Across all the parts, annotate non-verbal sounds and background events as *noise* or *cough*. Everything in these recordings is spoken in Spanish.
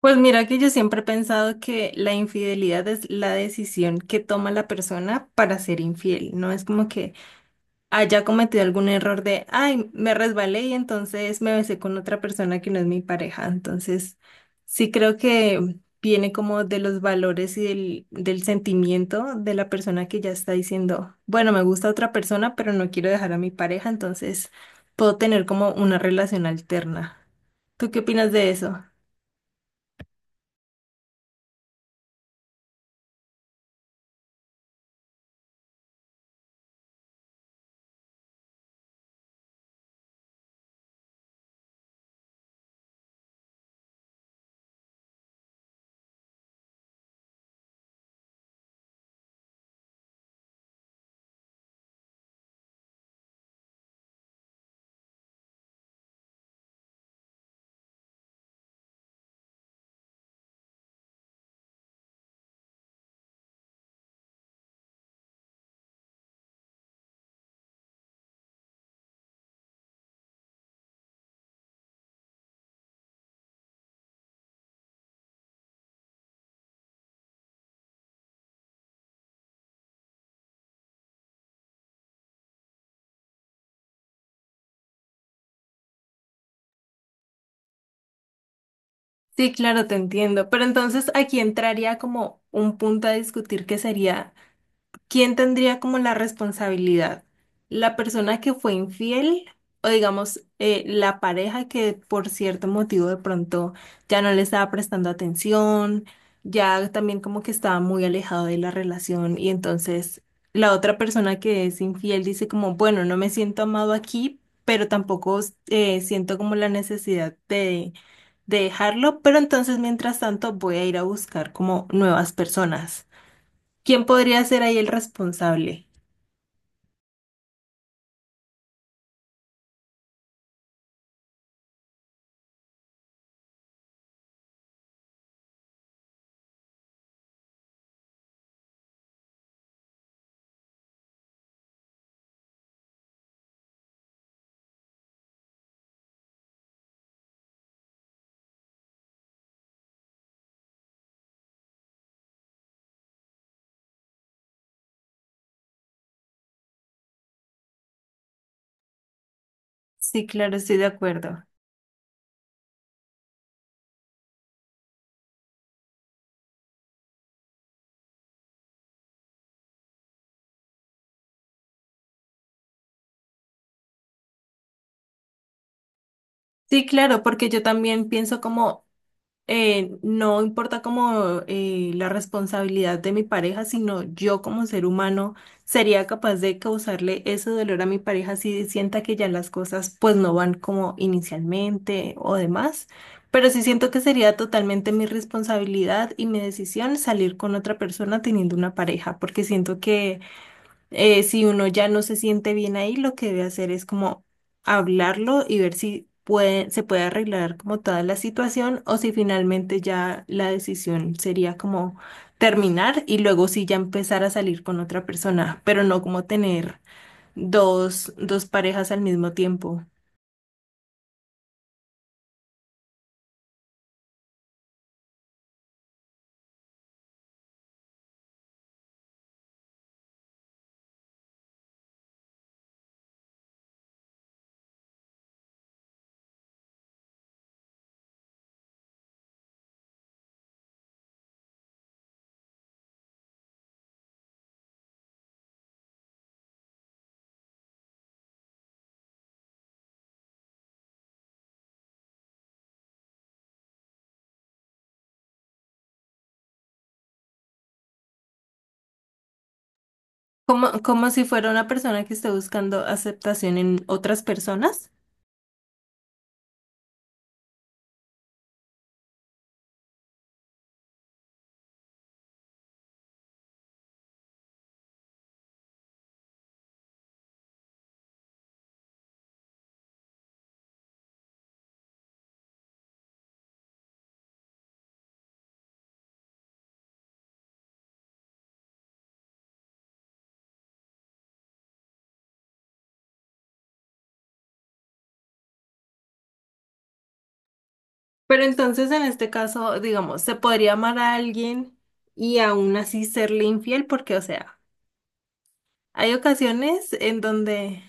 Pues mira que yo siempre he pensado que la infidelidad es la decisión que toma la persona para ser infiel. No es como que haya cometido algún error de, ay, me resbalé y entonces me besé con otra persona que no es mi pareja. Entonces, sí creo que viene como de los valores y del sentimiento de la persona que ya está diciendo, bueno, me gusta otra persona, pero no quiero dejar a mi pareja, entonces puedo tener como una relación alterna. ¿Tú qué opinas de eso? Sí, claro, te entiendo. Pero entonces aquí entraría como un punto a discutir que sería, ¿quién tendría como la responsabilidad? ¿La persona que fue infiel o digamos la pareja que por cierto motivo de pronto ya no le estaba prestando atención, ya también como que estaba muy alejado de la relación y entonces la otra persona que es infiel dice como, bueno, no me siento amado aquí, pero tampoco siento como la necesidad de dejarlo, pero entonces mientras tanto voy a ir a buscar como nuevas personas. ¿Quién podría ser ahí el responsable? Sí, claro, estoy de acuerdo. Sí, claro, porque yo también pienso como, no importa como la responsabilidad de mi pareja, sino yo como ser humano sería capaz de causarle ese dolor a mi pareja si sienta que ya las cosas pues no van como inicialmente o demás. Pero sí siento que sería totalmente mi responsabilidad y mi decisión salir con otra persona teniendo una pareja, porque siento que si uno ya no se siente bien ahí, lo que debe hacer es como hablarlo y ver si puede, se puede arreglar como toda la situación o si finalmente ya la decisión sería como terminar y luego sí ya empezar a salir con otra persona, pero no como tener dos parejas al mismo tiempo. Como, como si fuera una persona que esté buscando aceptación en otras personas. Pero entonces en este caso, digamos, se podría amar a alguien y aún así serle infiel, porque, o sea, hay ocasiones en donde,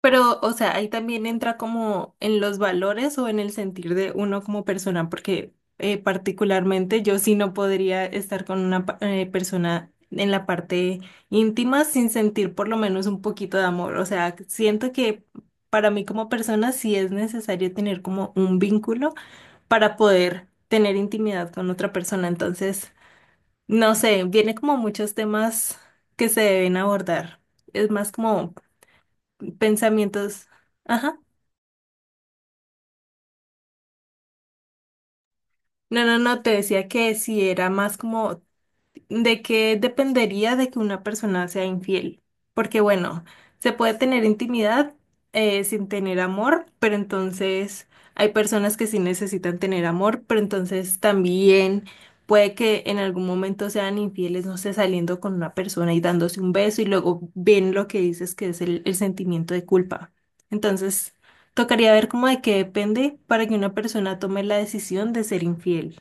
pero, o sea, ahí también entra como en los valores o en el sentir de uno como persona, porque particularmente yo sí no podría estar con una persona en la parte íntima sin sentir por lo menos un poquito de amor. O sea, siento que para mí como persona sí es necesario tener como un vínculo para poder tener intimidad con otra persona. Entonces, no sé, viene como muchos temas que se deben abordar. Es más como pensamientos. Ajá. No, no, no, te decía que si era más como, ¿de qué dependería de que una persona sea infiel? Porque bueno, se puede tener intimidad sin tener amor, pero entonces hay personas que sí necesitan tener amor, pero entonces también puede que en algún momento sean infieles, no sé, saliendo con una persona y dándose un beso y luego ven lo que dices que es el sentimiento de culpa. Entonces, tocaría ver cómo de qué depende para que una persona tome la decisión de ser infiel.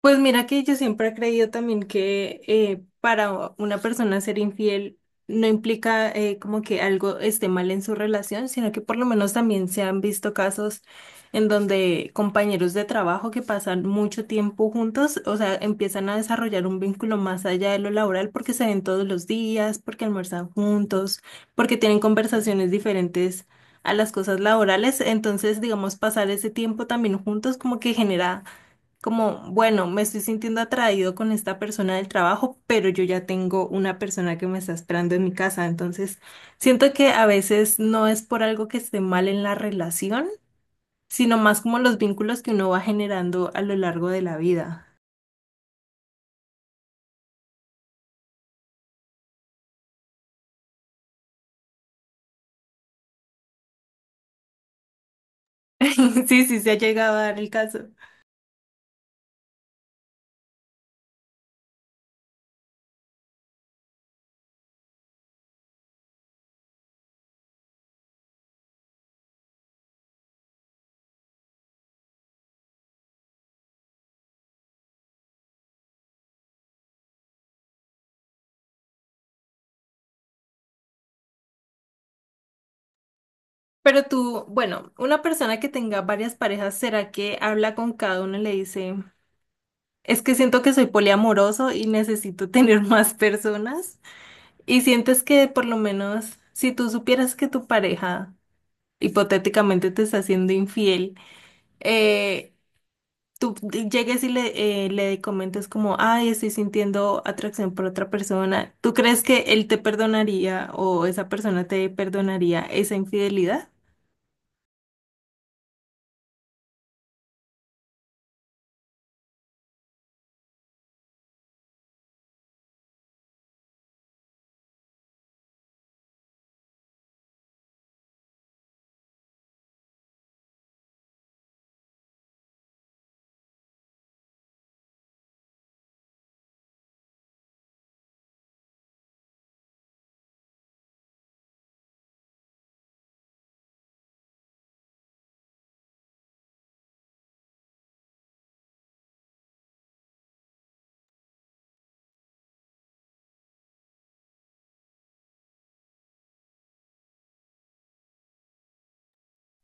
Pues mira que yo siempre he creído también que para una persona ser infiel no implica como que algo esté mal en su relación, sino que por lo menos también se han visto casos en donde compañeros de trabajo que pasan mucho tiempo juntos, o sea, empiezan a desarrollar un vínculo más allá de lo laboral porque se ven todos los días, porque almuerzan juntos, porque tienen conversaciones diferentes a las cosas laborales. Entonces, digamos, pasar ese tiempo también juntos como que genera como, bueno, me estoy sintiendo atraído con esta persona del trabajo, pero yo ya tengo una persona que me está esperando en mi casa. Entonces, siento que a veces no es por algo que esté mal en la relación, sino más como los vínculos que uno va generando a lo largo de la vida. *laughs* Sí, sí, se ha llegado a dar el caso. Pero tú, bueno, una persona que tenga varias parejas, ¿será que habla con cada uno y le dice, es que siento que soy poliamoroso y necesito *laughs* tener más personas? Y sientes que por lo menos si tú supieras que tu pareja hipotéticamente te está haciendo infiel, eh, tú llegues y le, le comentes como, ay, estoy sintiendo atracción por otra persona, ¿tú crees que él te perdonaría o esa persona te perdonaría esa infidelidad?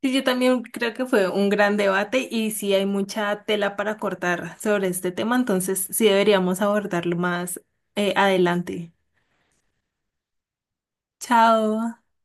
Sí, yo también creo que fue un gran debate y sí hay mucha tela para cortar sobre este tema, entonces sí deberíamos abordarlo más adelante. Chao.